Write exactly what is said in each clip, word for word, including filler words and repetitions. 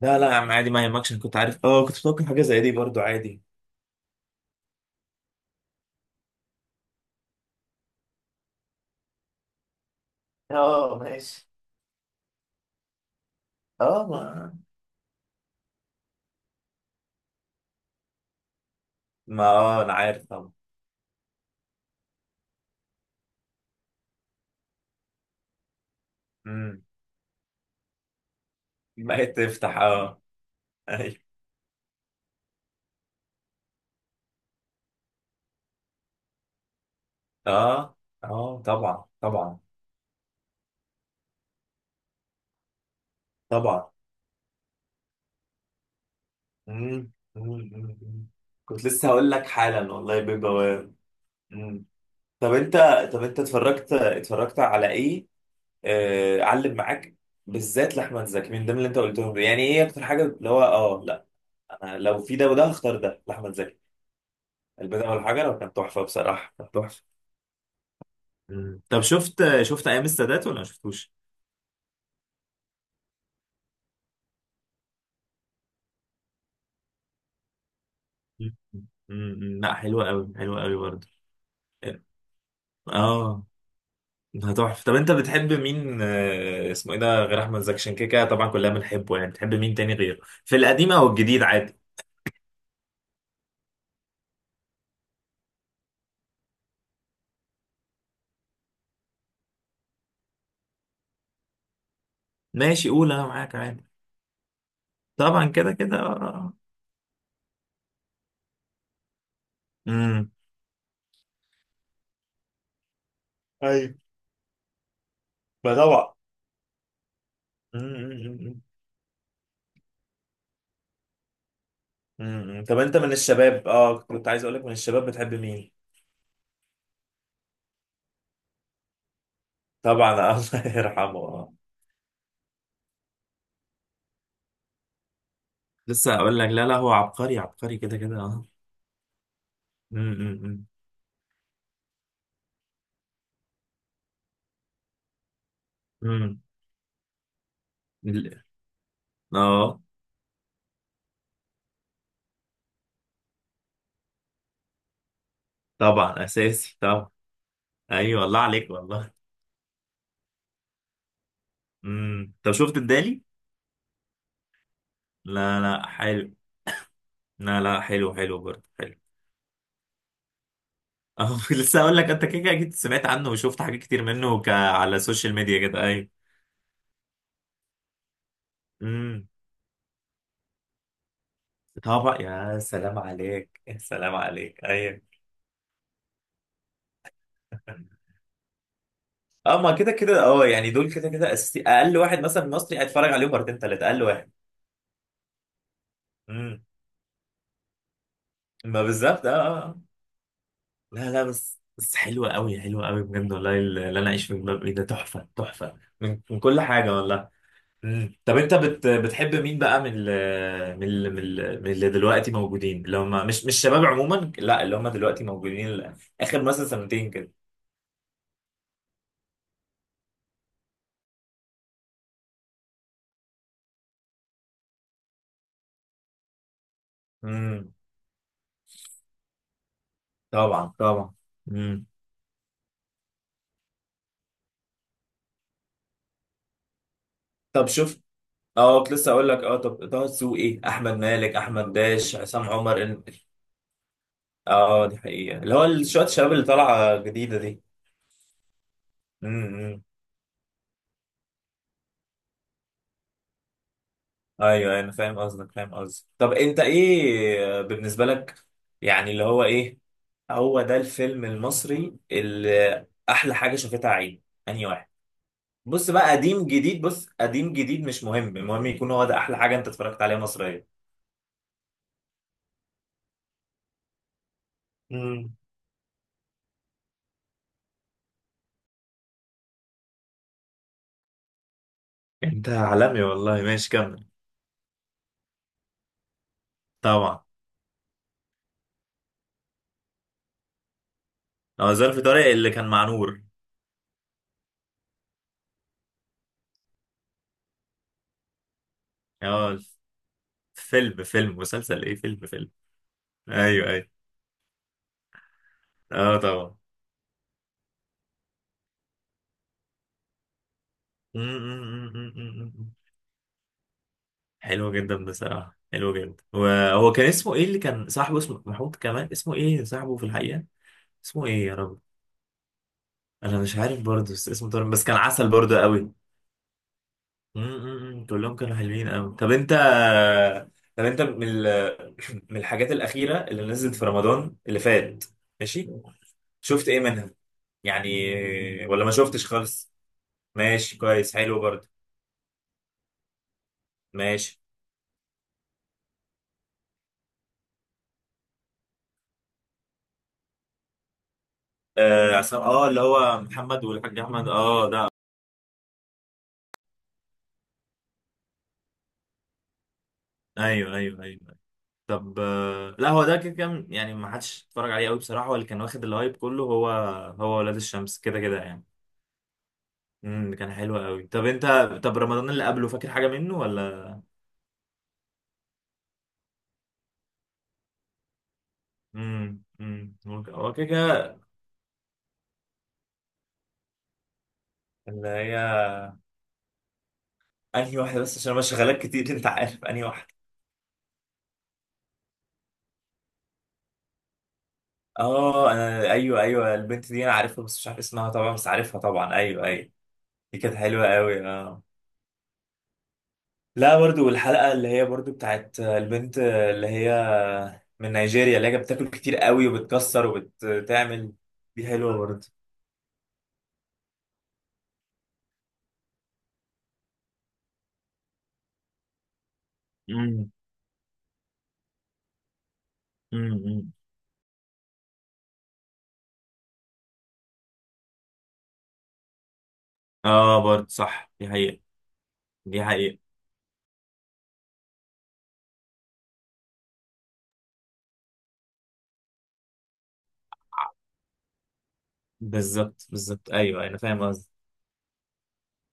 لا لا يا عم، عادي، ما يهمكش. أنا كنت عارف، اه كنت متوقع حاجة زي دي برضو. عادي. اه، ماشي. اه ما ما ما، اه، أنا عارف طبعا. امم. ما هي تفتح، اه. أيوة. اه، اه، طبعا طبعا طبعا. امم. أمم، أمم، أمم. كنت لسه هقول لك حالا والله بجواب. امم. طب انت طب انت اتفرجت اتفرجت على ايه؟ آه... علم معاك بالذات لأحمد زكي من ضمن اللي انت قلتهم. يعني ايه اكتر حاجة اللي هو، اه، لا، انا لو في ده وده هختار ده لأحمد زكي. البداية والحجر كانت تحفة بصراحة، كانت تحفة. مم. طب شفت شفت ايام السادات ولا ما شفتوش؟ مم. مم. لا، حلوه قوي، حلوه قوي برضه. اه، ده تحفه. طب انت بتحب مين، آه، اسمه ايه ده، غير احمد زكي؟ عشان كده كده طبعا كلنا بنحبه. يعني بتحب مين تاني غيره في القديم او الجديد؟ عادي، ماشي، قول، انا معاك، عادي. طبعا، كده كده، آه. امم. ايوه. ما طبعا. أمم. أمم. طب انت من الشباب، اه، كنت عايز اقول لك، من الشباب بتحب مين؟ طبعا، الله يرحمه، اه. لسه اقول لك، لا لا، هو عبقري عبقري كده كده، اه. امم. امم. امم. اه طبعا، اساسي طبعا. ايوه والله عليك، والله. امم. طب شفت الدالي؟ لا لا، حلو. لا لا، حلو، حلو برضه، حلو. اه. لسه اقول لك، انت كده كده اكيد سمعت عنه وشفت حاجات كتير منه ك... على السوشيال ميديا كده. ايوه. امم. طبعا، يا سلام عليك، يا سلام عليك. ايوه. اه، ما كده كده، اه. يعني دول كده كده اساسي، اقل واحد مثلا مصري هيتفرج عليهم مرتين، ثلاثه، اقل واحد. ما بالظبط، اه، آه، آه. لا لا، بس بس حلوة قوي، حلوة قوي بجد والله. اللي انا، اعيش في جلباب ابي، ده تحفة تحفة من من كل حاجة والله. مم. طب انت بت بتحب مين بقى من ال من ال من ال- من اللي دلوقتي موجودين، اللي هم مش مش شباب عموما؟ لا، اللي هم دلوقتي موجودين، ال- اخر مثلا سنتين كده. امم. طبعا طبعا. امم. طب شوف، اه، كنت لسه اقول لك، اه، طب طه دسوقي، احمد مالك، احمد داش، عصام عمر، ال- اه دي حقيقة. اللي هو شوية الشباب اللي طالعة جديدة دي. امم. ايوه ايوه، انا فاهم قصدك، فاهم قصدك. طب انت ايه بالنسبه لك، يعني اللي هو ايه، هو ده الفيلم المصري اللي احلى حاجه شافتها عين؟ انهي واحد؟ بص بقى، قديم، جديد، بص، قديم، جديد، مش مهم، المهم يكون هو ده احلى حاجه انت اتفرجت عليها مصريه. امم. انت عالمي والله، ماشي، كمل. طبعا. هو ظرف طارق اللي كان مع نور؟ اه. فيلم، فيلم، مسلسل ايه، فيلم، فيلم؟ ايوه ايوه. اه طبعا. حلو جدا بصراحة، حلو جدا. وهو كان اسمه ايه اللي كان صاحبه، اسمه محمود كمان، اسمه ايه صاحبه في الحقيقة؟ اسمه ايه يا رب؟ انا مش عارف برضه، بس اسمه طارق، بس كان عسل برضه قوي. م- م- م. كلهم كانوا حلوين قوي. طب انت، طب انت من ال... من الحاجات الأخيرة اللي نزلت في رمضان اللي فات، ماشي، شفت ايه منها يعني؟ ولا ما شفتش خالص. ماشي، كويس، حلو برضه. ماشي. اه، عصام- آه، اللي هو محمد والحاج احمد، اه، ده. ايوه ايوه ايوه. طب، آه، لا، هو ده كده كان يعني ما حدش اتفرج عليه قوي بصراحة، هو اللي كان واخد الهايب كله هو، هو ولاد الشمس كده كده يعني. امم. كان حلو قوي. طب انت، طب رمضان اللي قبله، فاكر حاجة منه ولا؟ امم. امم. هو كده كده. اللي هي، انهي واحدة بس، عشان انا شغالات كتير، انت عارف انهي واحدة؟ اه، انا، ايوه ايوه، البنت دي انا عارفها بس مش عارف اسمها طبعا، بس عارفها طبعا. ايوه ايوه. دي كانت حلوة قوي، اه. لا، برضو الحلقة اللي هي برضو بتاعت البنت اللي هي من نيجيريا، اللي هي بتاكل كتير قوي وبتكسر وبتعمل. دي حلوه برضه. مم. مم. مم. اه برضه صح، دي حقيقة، دي حقيقة. بالظبط بالظبط، ايوه، أيوة، انا فاهم قصدي.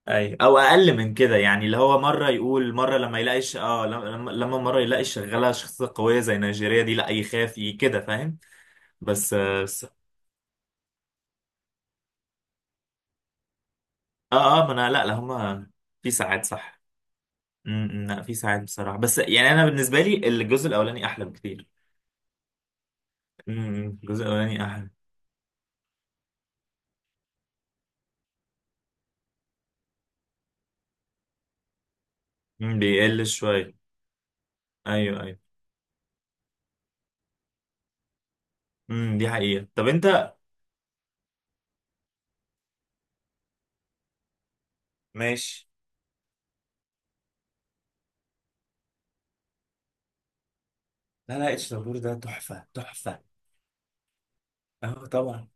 ايوه، او اقل من كده يعني، اللي هو مره يقول، مره لما يلاقيش، اه لما، لما مره يلاقي شغاله شخصيه قويه زي نيجيريا دي لا يخاف، ي- كده، فاهم؟ بس، آه، بس، اه اه، ما انا، لا لا، هما في ساعات صح. امم. لا، في ساعات بصراحه، بس يعني انا بالنسبه لي الجزء الاولاني احلى بكتير. امم. الجزء الاولاني احلى. مم، بيقل شوية. أيوه أيوه. امم، دي حقيقة. طب أنت، ماشي. لا لا، اتش دبور ده تحفة تحفة. أه طبعا.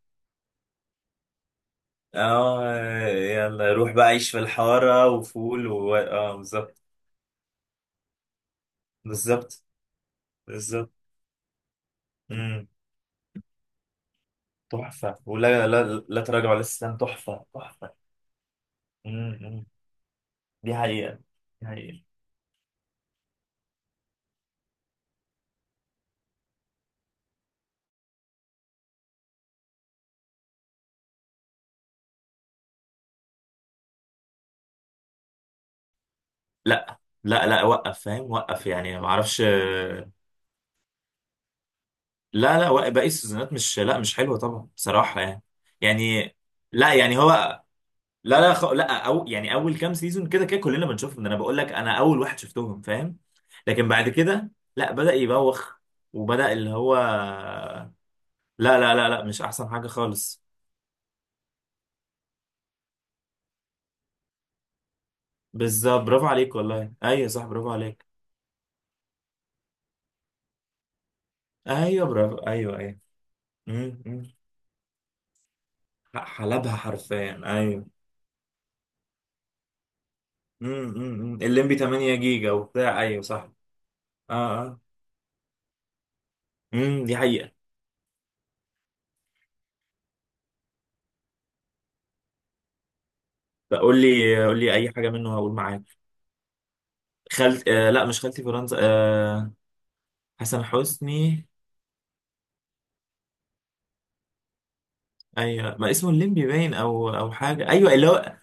أه، يلا روح بقى عيش في الحارة وفول، و أه، بالظبط، بالظبط، بالظبط. امم. تحفة ولا لا؟ لا تراجع ولا استسلام، تحفة تحفة. امم. أمم. دي حقيقة، دي حقيقة. لا لا، لا وقف، فاهم، وقف يعني، ما اعرفش. لا لا، وقف باقي السيزونات، مش، لا، مش حلوة طبعا بصراحة يعني. يعني، لا، يعني هو، لا لا، خ... لا، أو... يعني اول كام سيزون كده كده كلنا بنشوفهم، ده انا بقول لك انا اول واحد شفتهم، فاهم؟ لكن بعد كده لا، بدأ يبوخ. وبدأ اللي هو، لا لا لا لا، مش احسن حاجة خالص. بالظبط، برافو عليك والله، ايوه صح، برافو عليك. ايوه، برافو، ايوه ايوه. امم. أمم. حلبها حرفيا، ايوه. امم. أمم، أمم. الليمبي ثمانية جيجا وبتاع، ايوه صح. اه اه. امم، دي حقيقة. فقول لي، قول لي اي حاجة منه هقول معاك. خالت، آه، لا مش خالتي فرنسا، آه. حسن حسني. ايوه، ما اسمه الليمبي باين او او حاجه، ايوه اللي هو.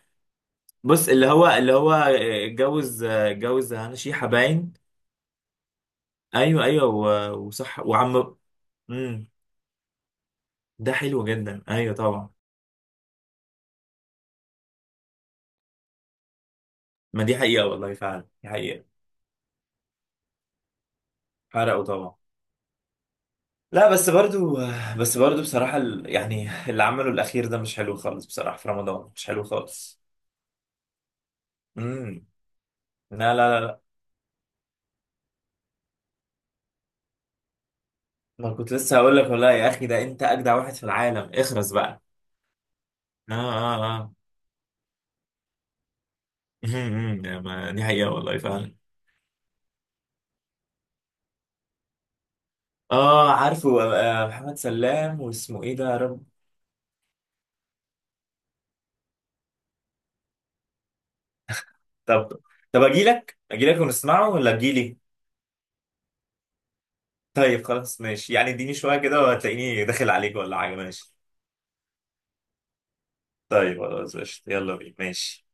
بص اللي هو، اللي هو اتجوز اتجوز هنا، شيحه باين. ايوه ايوه، و- وصح، وعم. امم. ده حلو جدا، ايوه طبعا. ما دي حقيقه والله، فعلا دي حقيقه. حرقوا طبعا. لا، بس برضو، آه، بس برضو بصراحه، ال- يعني اللي عمله الاخير ده مش حلو خالص بصراحه، في رمضان مش حلو خالص. امم. لا لا لا لا. ما كنت لسه هقول لك والله، يا اخي ده انت اجدع واحد في العالم، اخرس بقى. اه اه، آه. امم، يا ما- دي حقيقة والله فعلا. اه، عارفه، آه، محمد سلام، واسمه ايه ده يا رب؟ طب، طب اجي لك، اجي لك ونسمعه، ولا اجي لي؟ طيب خلاص، ماشي، يعني اديني شوية كده وهتلاقيني داخل عليك، ولا حاجة، ماشي. طيب خلاص ماشي، يلا بينا، ماشي.